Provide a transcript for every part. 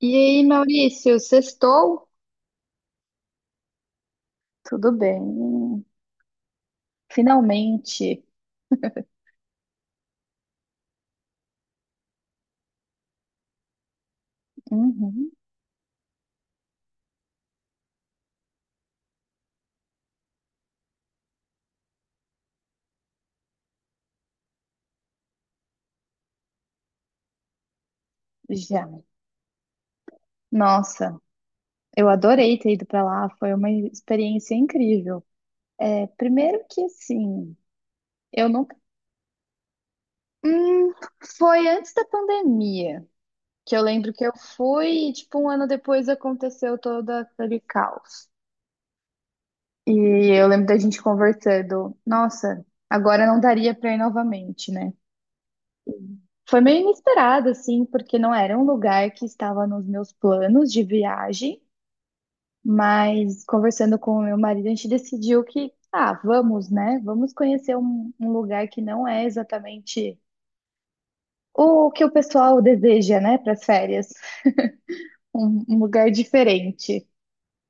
E aí, Maurício, sextou? Tudo bem, finalmente. Uhum, já. Nossa, eu adorei ter ido pra lá, foi uma experiência incrível. É, primeiro que assim, eu nunca. Hum, foi antes da pandemia, que eu lembro que eu fui e, tipo, um ano depois aconteceu todo aquele caos. E eu lembro da gente conversando, nossa, agora não daria pra ir novamente, né? Foi meio inesperado, assim, porque não era um lugar que estava nos meus planos de viagem, mas conversando com o meu marido, a gente decidiu que, ah, vamos, né? Vamos conhecer um lugar que não é exatamente o que o pessoal deseja, né, para as férias, um lugar diferente.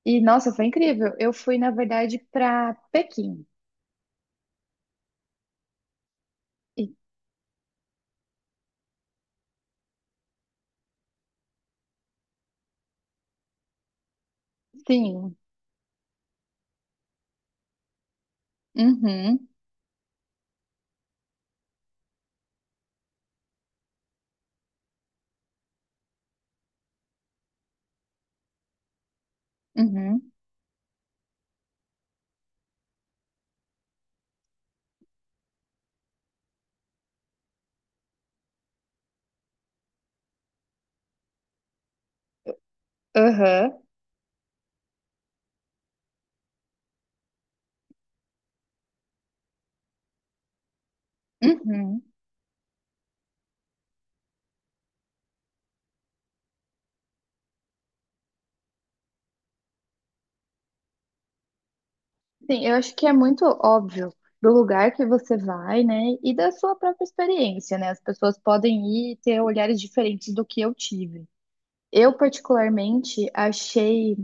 E, nossa, foi incrível. Eu fui, na verdade, para Pequim. E, sim, uhum, uhum, aham, uhum. Sim, eu acho que é muito óbvio do lugar que você vai, né? E da sua própria experiência, né? As pessoas podem ir e ter olhares diferentes do que eu tive. Eu, particularmente, achei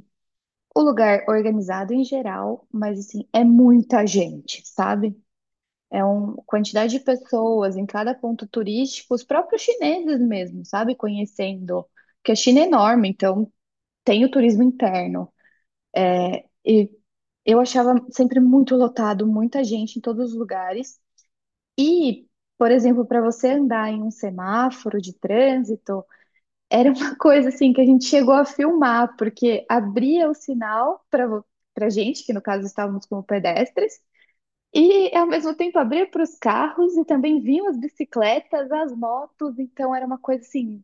o lugar organizado em geral, mas assim, é muita gente, sabe? É uma quantidade de pessoas em cada ponto turístico, os próprios chineses mesmo, sabe? Conhecendo, porque a China é enorme, então tem o turismo interno. E eu achava sempre muito lotado, muita gente em todos os lugares. E, por exemplo, para você andar em um semáforo de trânsito, era uma coisa assim que a gente chegou a filmar, porque abria o sinal para gente, que no caso estávamos como pedestres, e ao mesmo tempo abria para os carros e também vinham as bicicletas, as motos. Então era uma coisa assim,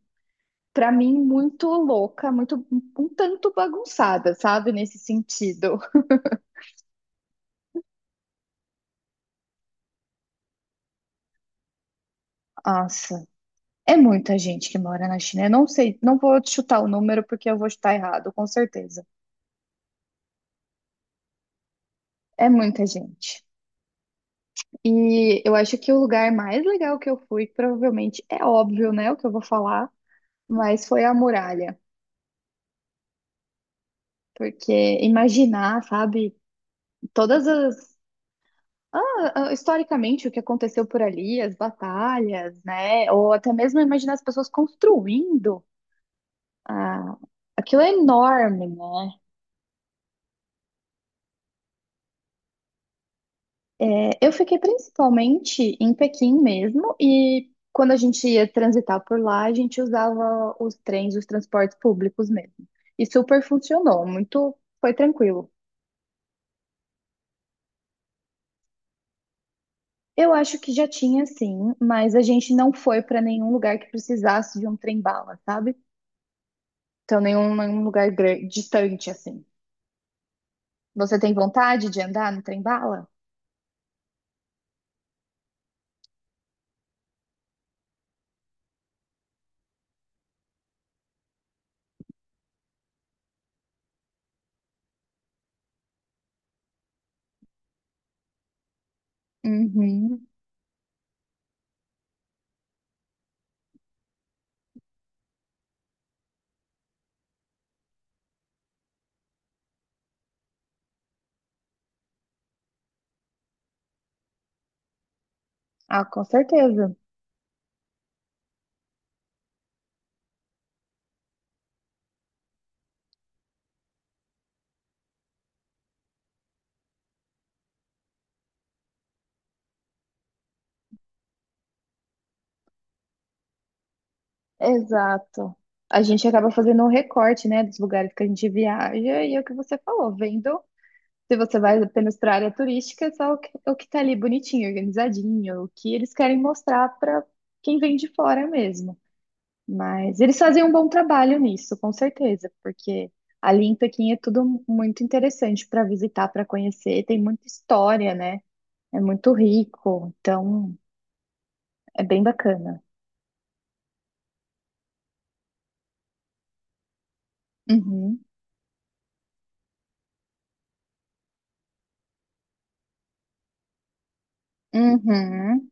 para mim, muito louca, muito um tanto bagunçada, sabe, nesse sentido. Nossa. É muita gente que mora na China. Eu não sei, não vou chutar o número porque eu vou chutar errado, com certeza. É muita gente. E eu acho que o lugar mais legal que eu fui, provavelmente é óbvio, né, o que eu vou falar, mas foi a muralha. Porque imaginar, sabe, todas as. Historicamente, o que aconteceu por ali, as batalhas, né? Ou até mesmo imaginar as pessoas construindo. ah, aquilo é enorme, né? É, eu fiquei principalmente em Pequim mesmo, e quando a gente ia transitar por lá, a gente usava os trens, os transportes públicos mesmo. E super funcionou, muito, foi tranquilo. Eu acho que já tinha sim, mas a gente não foi para nenhum lugar que precisasse de um trem-bala, sabe? Então, nenhum lugar gran- distante assim. Você tem vontade de andar no trem-bala? Uhum. Ah, com certeza. Exato. A gente acaba fazendo um recorte, né, dos lugares que a gente viaja e é o que você falou, vendo se você vai apenas para a área turística, é só o que tá ali bonitinho, organizadinho, o que eles querem mostrar para quem vem de fora mesmo. Mas eles fazem um bom trabalho nisso, com certeza, porque ali em Pequim é tudo muito interessante para visitar, para conhecer, tem muita história, né? É muito rico, então é bem bacana. Uhum. Uhum.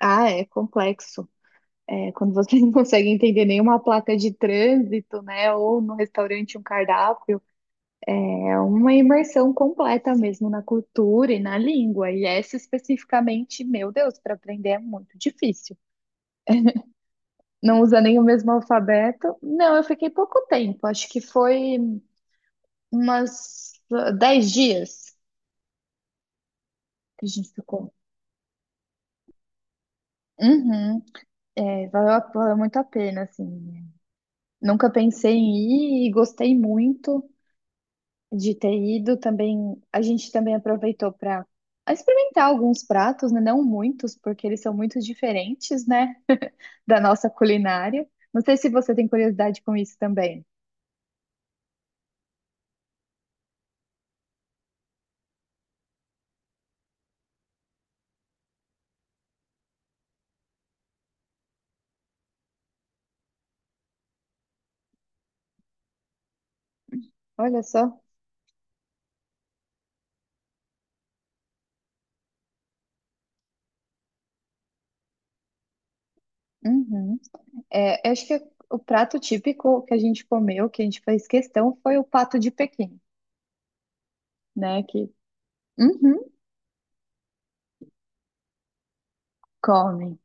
Ah, é complexo. É, quando você não consegue entender nenhuma placa de trânsito, né? Ou no restaurante um cardápio, é uma imersão completa mesmo na cultura e na língua. E essa especificamente, meu Deus, para aprender é muito difícil. Não usa nem o mesmo alfabeto. Não, eu fiquei pouco tempo, acho que foi umas 10 dias que a gente ficou. Uhum. É, valeu muito a pena, assim. Nunca pensei em ir e gostei muito. De ter ido também, a gente também aproveitou para experimentar alguns pratos, né? Não muitos, porque eles são muito diferentes, né, da nossa culinária. Não sei se você tem curiosidade com isso também. Olha só. Uhum. É, eu acho que o prato típico que a gente comeu, que a gente fez questão, foi o pato de Pequim, né? Que Uhum, comem.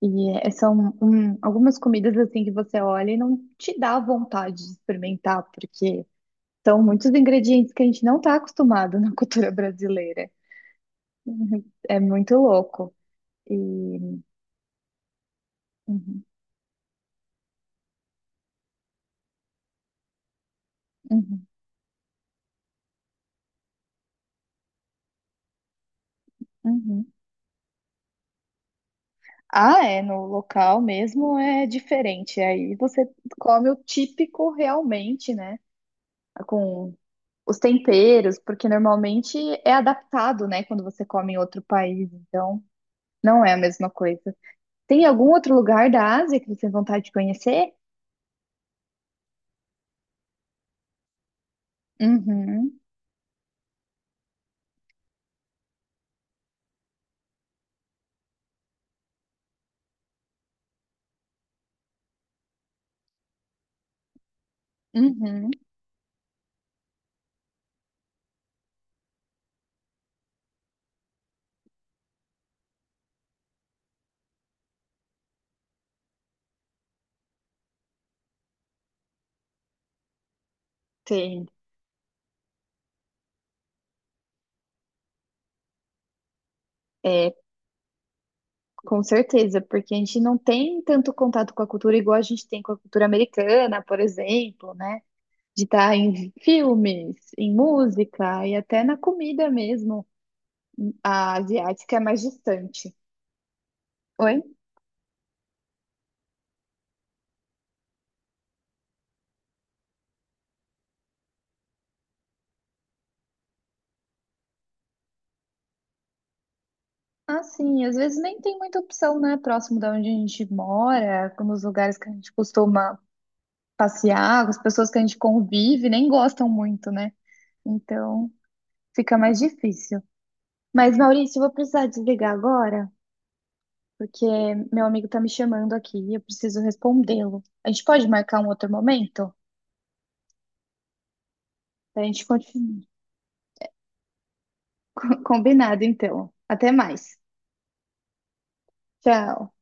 E é, são um, algumas comidas assim que você olha e não te dá vontade de experimentar, porque são muitos ingredientes que a gente não está acostumado na cultura brasileira. Uhum. É muito louco. E... uhum, uhum, uhum. Ah, é, no local mesmo é diferente. Aí você come o típico realmente, né? Com os temperos, porque normalmente é adaptado, né? Quando você come em outro país. Então, não é a mesma coisa. Tem algum outro lugar da Ásia que você tem vontade de conhecer? Uhum, uhum, tem. É, com certeza, porque a gente não tem tanto contato com a cultura igual a gente tem com a cultura americana, por exemplo, né? De estar em filmes, em música e até na comida mesmo. A asiática é mais distante. Oi? Ah, sim, às vezes nem tem muita opção, né? Próximo da onde a gente mora, como os lugares que a gente costuma passear, as pessoas que a gente convive nem gostam muito, né? Então fica mais difícil. Mas, Maurício, eu vou precisar desligar agora. Porque meu amigo tá me chamando aqui e eu preciso respondê-lo. A gente pode marcar um outro momento? A gente continua combinado, então. Até mais. Tchau.